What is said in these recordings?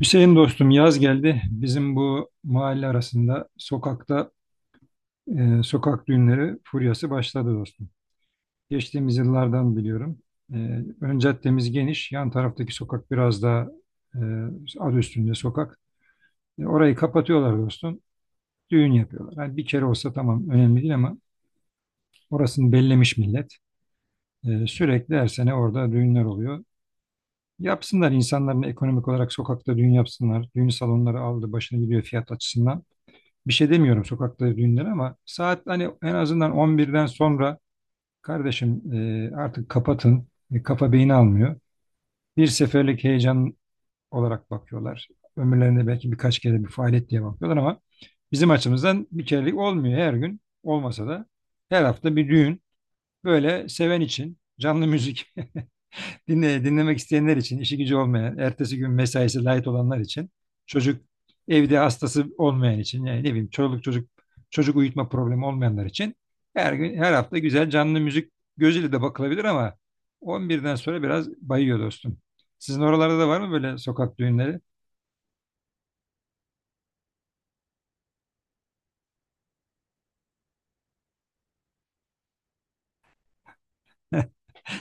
Hüseyin dostum, yaz geldi. Bizim bu mahalle arasında sokakta sokak düğünleri furyası başladı dostum. Geçtiğimiz yıllardan biliyorum. E, ön caddemiz geniş. Yan taraftaki sokak biraz daha e, adı üstünde sokak. Orayı kapatıyorlar dostum. Düğün yapıyorlar. Hani bir kere olsa tamam, önemli değil ama orasını bellemiş millet. Sürekli her sene orada düğünler oluyor. Yapsınlar, insanların ekonomik olarak sokakta düğün yapsınlar. Düğün salonları aldı başını gidiyor fiyat açısından. Bir şey demiyorum sokakta düğünler ama saat hani en azından 11'den sonra kardeşim, artık kapatın. Kafa beyni almıyor. Bir seferlik heyecan olarak bakıyorlar. Ömürlerinde belki birkaç kere bir faaliyet diye bakıyorlar ama bizim açımızdan bir kerelik olmuyor, her gün. Olmasa da her hafta bir düğün. Böyle seven için canlı müzik. Dinle, dinlemek isteyenler için, işi gücü olmayan, ertesi gün mesaisi light olanlar için, çocuk evde hastası olmayan için, yani ne bileyim, çoluk çocuk çocuk uyutma problemi olmayanlar için her gün her hafta güzel canlı müzik gözüyle de bakılabilir ama 11'den sonra biraz bayıyor dostum. Sizin oralarda da var mı böyle sokak düğünleri?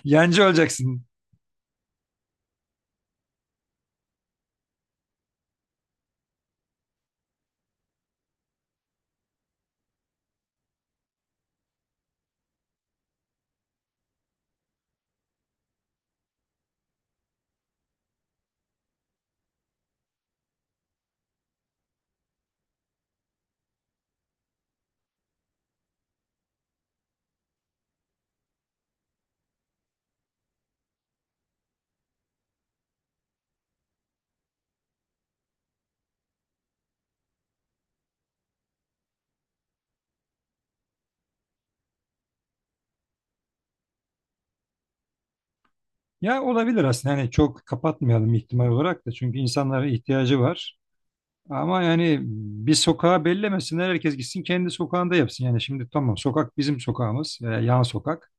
Yancı olacaksın. Ya, olabilir aslında. Hani çok kapatmayalım ihtimal olarak da çünkü insanlara ihtiyacı var. Ama yani bir sokağa bellemesinler, herkes gitsin kendi sokağında yapsın. Yani şimdi tamam, sokak bizim sokağımız, yan sokak.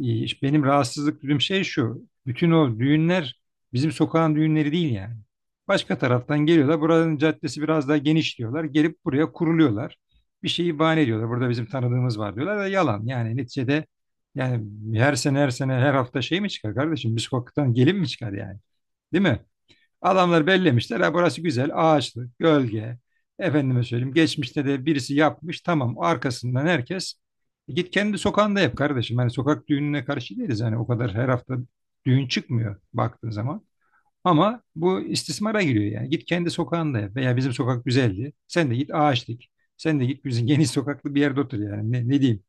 E, işte benim rahatsızlık duyduğum şey şu. Bütün o düğünler bizim sokağın düğünleri değil yani. Başka taraftan geliyorlar. Buranın caddesi biraz daha geniş diyorlar. Gelip buraya kuruluyorlar. Bir şeyi bahane ediyorlar. Burada bizim tanıdığımız var diyorlar da yalan. Yani neticede, yani her sene her hafta şey mi çıkar kardeşim? Bir sokaktan gelin mi çıkar yani? Değil mi? Adamlar bellemişler. Ha, burası güzel, ağaçlı, gölge. Efendime söyleyeyim. Geçmişte de birisi yapmış. Tamam. Arkasından herkes. "Git kendi sokağında yap kardeşim. Hani sokak düğününe karşı değiliz. Hani o kadar her hafta düğün çıkmıyor baktığın zaman. Ama bu istismara giriyor yani. Git kendi sokağında yap. Veya bizim sokak güzeldi. Sen de git ağaç dik. Sen de git bizim geniş sokaklı bir yerde otur yani. Ne diyeyim?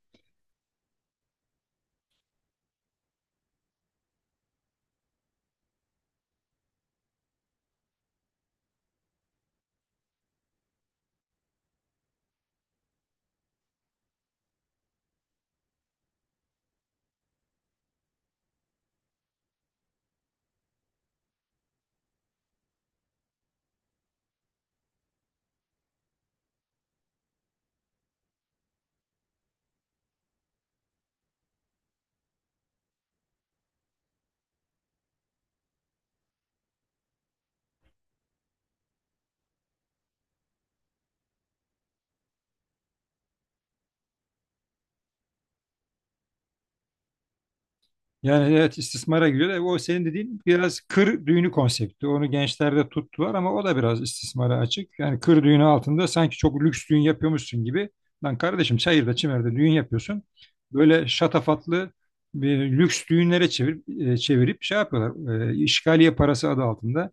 Yani evet, istismara giriyor. O senin dediğin biraz kır düğünü konsepti. Onu gençlerde tuttular ama o da biraz istismara açık. Yani kır düğünü altında sanki çok lüks düğün yapıyormuşsun gibi. Lan kardeşim, çayırda çimerde düğün yapıyorsun. Böyle şatafatlı bir lüks düğünlere çevirip şey yapıyorlar. E, işgaliye parası adı altında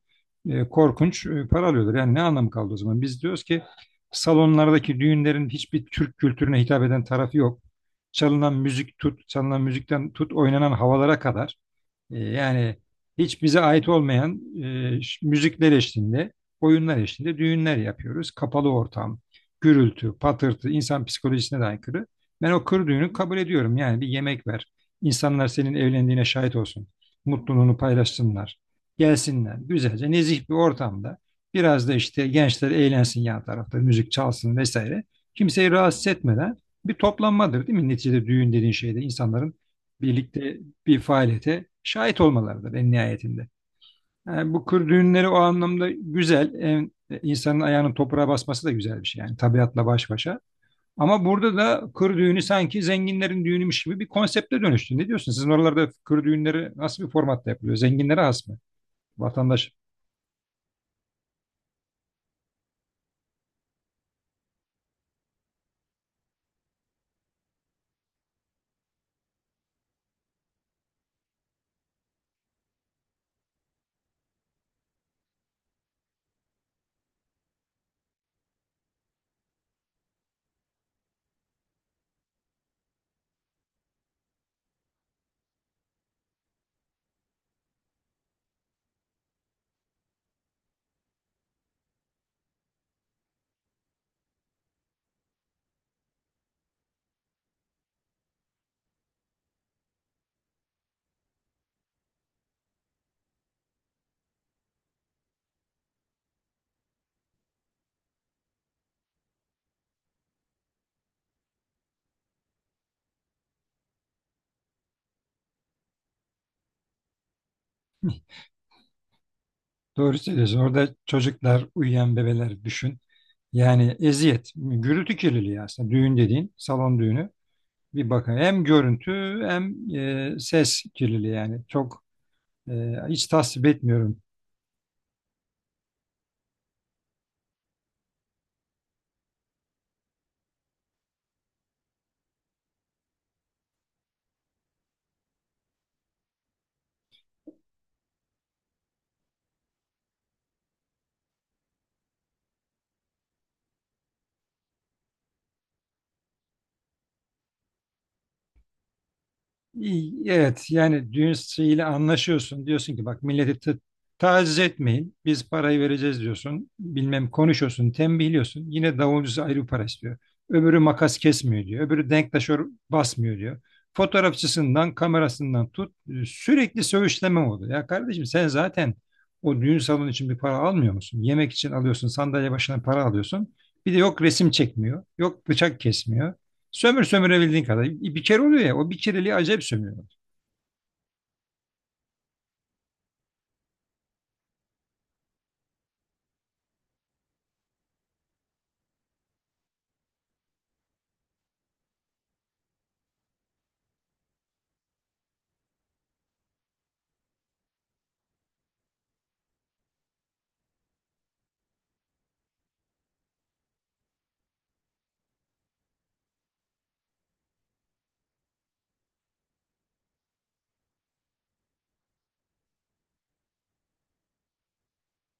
korkunç para alıyorlar. Yani ne anlamı kaldı o zaman? Biz diyoruz ki salonlardaki düğünlerin hiçbir Türk kültürüne hitap eden tarafı yok, çalınan müzik tut, çalınan müzikten tut oynanan havalara kadar. Yani hiç bize ait olmayan müzikler eşliğinde, oyunlar eşliğinde düğünler yapıyoruz. Kapalı ortam, gürültü, patırtı, insan psikolojisine de aykırı. Ben o kır düğünü kabul ediyorum. Yani bir yemek ver. İnsanlar senin evlendiğine şahit olsun. Mutluluğunu paylaşsınlar. Gelsinler. Güzelce nezih bir ortamda. Biraz da işte gençler eğlensin yan tarafta. Müzik çalsın vesaire. Kimseyi rahatsız etmeden bir toplanmadır değil mi? Neticede düğün dediğin şeyde insanların birlikte bir faaliyete şahit olmalarıdır en nihayetinde. Yani bu kır düğünleri o anlamda güzel. En- e, insanın ayağının toprağa basması da güzel bir şey yani, tabiatla baş başa. Ama burada da kır düğünü sanki zenginlerin düğünüymüş gibi bir konsepte dönüştü. Ne diyorsun? Sizin oralarda kır düğünleri nasıl bir formatta yapılıyor? Zenginlere has mı? Vatandaş doğru söylüyorsun. Orada çocuklar, uyuyan bebeler düşün. Yani eziyet, gürültü kirliliği aslında düğün dediğin, salon düğünü. Bir bakın, hem görüntü hem ses kirliliği yani çok. Ee, Hiç tasvip etmiyorum. İyi, evet, yani düğün ile anlaşıyorsun. Diyorsun ki bak, milleti taciz etmeyin. Biz parayı vereceğiz diyorsun. Bilmem konuşuyorsun, tembihliyorsun. Yine davulcusu ayrı bir para istiyor. Öbürü makas kesmiyor diyor. Öbürü denktaşör basmıyor diyor. Fotoğrafçısından, kamerasından tut. Sürekli söğüşleme oldu. Ya kardeşim, sen zaten o düğün salonu için bir para almıyor musun? Yemek için alıyorsun, sandalye başına para alıyorsun. Bir de yok resim çekmiyor, yok bıçak kesmiyor. Sömür sömürebildiğin kadar. Bir kere oluyor ya, o bir kereliği acayip sömürüyor.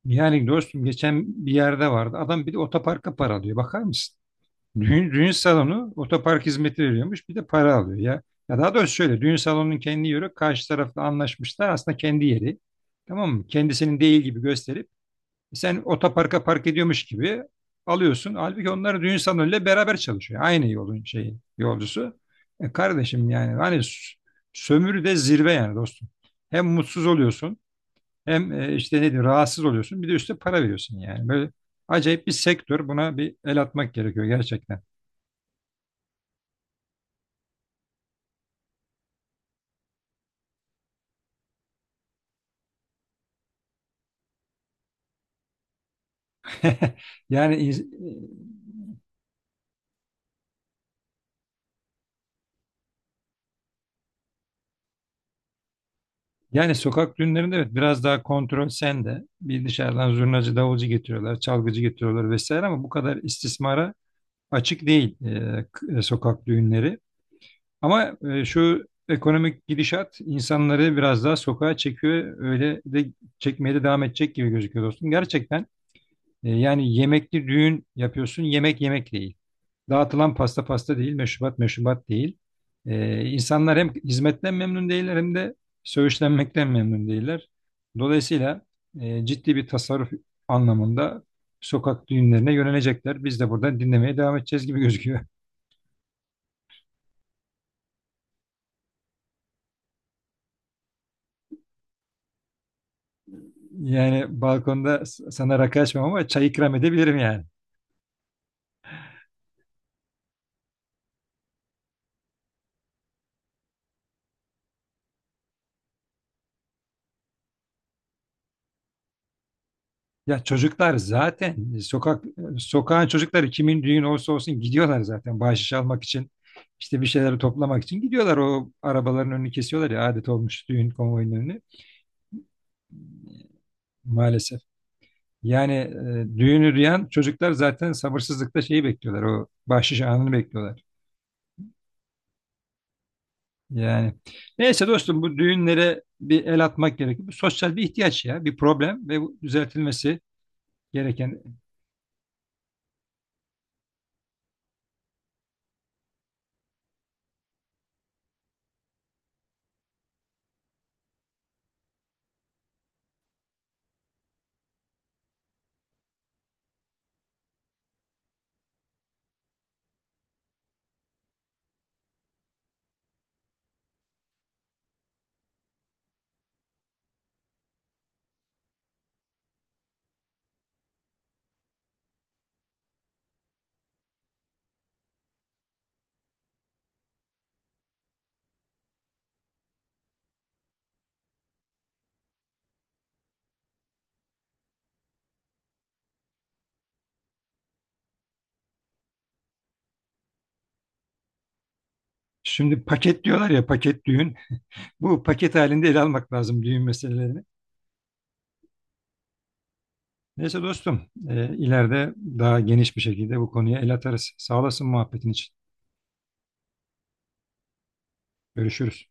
Yani dostum geçen bir yerde vardı. Adam bir de otoparka para alıyor. Bakar mısın? Düğün salonu otopark hizmeti veriyormuş bir de para alıyor ya. Ya daha doğrusu şöyle, düğün salonunun kendi yeri karşı tarafla anlaşmışlar, aslında kendi yeri. Tamam mı? Kendisinin değil gibi gösterip sen otoparka park ediyormuş gibi alıyorsun. Halbuki onlar düğün salonuyla beraber çalışıyor. Aynı yolun şeyi, yolcusu. E kardeşim yani hani sömürü de zirve yani dostum. Hem mutsuz oluyorsun hem işte nedir, rahatsız oluyorsun. Bir de üstüne para veriyorsun yani. Böyle acayip bir sektör. Buna bir el atmak gerekiyor gerçekten. Yani sokak düğünlerinde evet biraz daha kontrol sende. Bir dışarıdan zurnacı, davulcu getiriyorlar, çalgıcı getiriyorlar vesaire ama bu kadar istismara açık değil sokak düğünleri. Ama şu ekonomik gidişat insanları biraz daha sokağa çekiyor. Öyle de çekmeye de devam edecek gibi gözüküyor dostum. Gerçekten yani yemekli düğün yapıyorsun. Yemek yemek değil. Dağıtılan pasta pasta değil. Meşrubat meşrubat değil. E, insanlar hem hizmetten memnun değiller hem de söğüşlenmekten memnun değiller. Dolayısıyla ciddi bir tasarruf anlamında sokak düğünlerine yönelecekler. Biz de buradan dinlemeye devam edeceğiz gibi gözüküyor. Yani balkonda sana rakı açmam ama çay ikram edebilirim yani. Ya çocuklar zaten sokağın çocukları kimin düğün olsa olsun gidiyorlar zaten bahşiş almak için, işte bir şeyleri toplamak için gidiyorlar, o arabaların önünü kesiyorlar ya, adet olmuş düğün konvoyunun önünü, maalesef. Yani düğünü duyan çocuklar zaten sabırsızlıkla şeyi bekliyorlar, o bahşiş anını bekliyorlar. Yani neyse dostum, bu düğünlere bir el atmak gerekiyor. Bu sosyal bir ihtiyaç ya, bir problem ve bu düzeltilmesi gereken. Şimdi paket diyorlar ya, paket düğün. Bu paket halinde ele almak lazım düğün meselelerini. Neyse dostum, ileride daha geniş bir şekilde bu konuya el atarız. Sağ olasın muhabbetin için. Görüşürüz.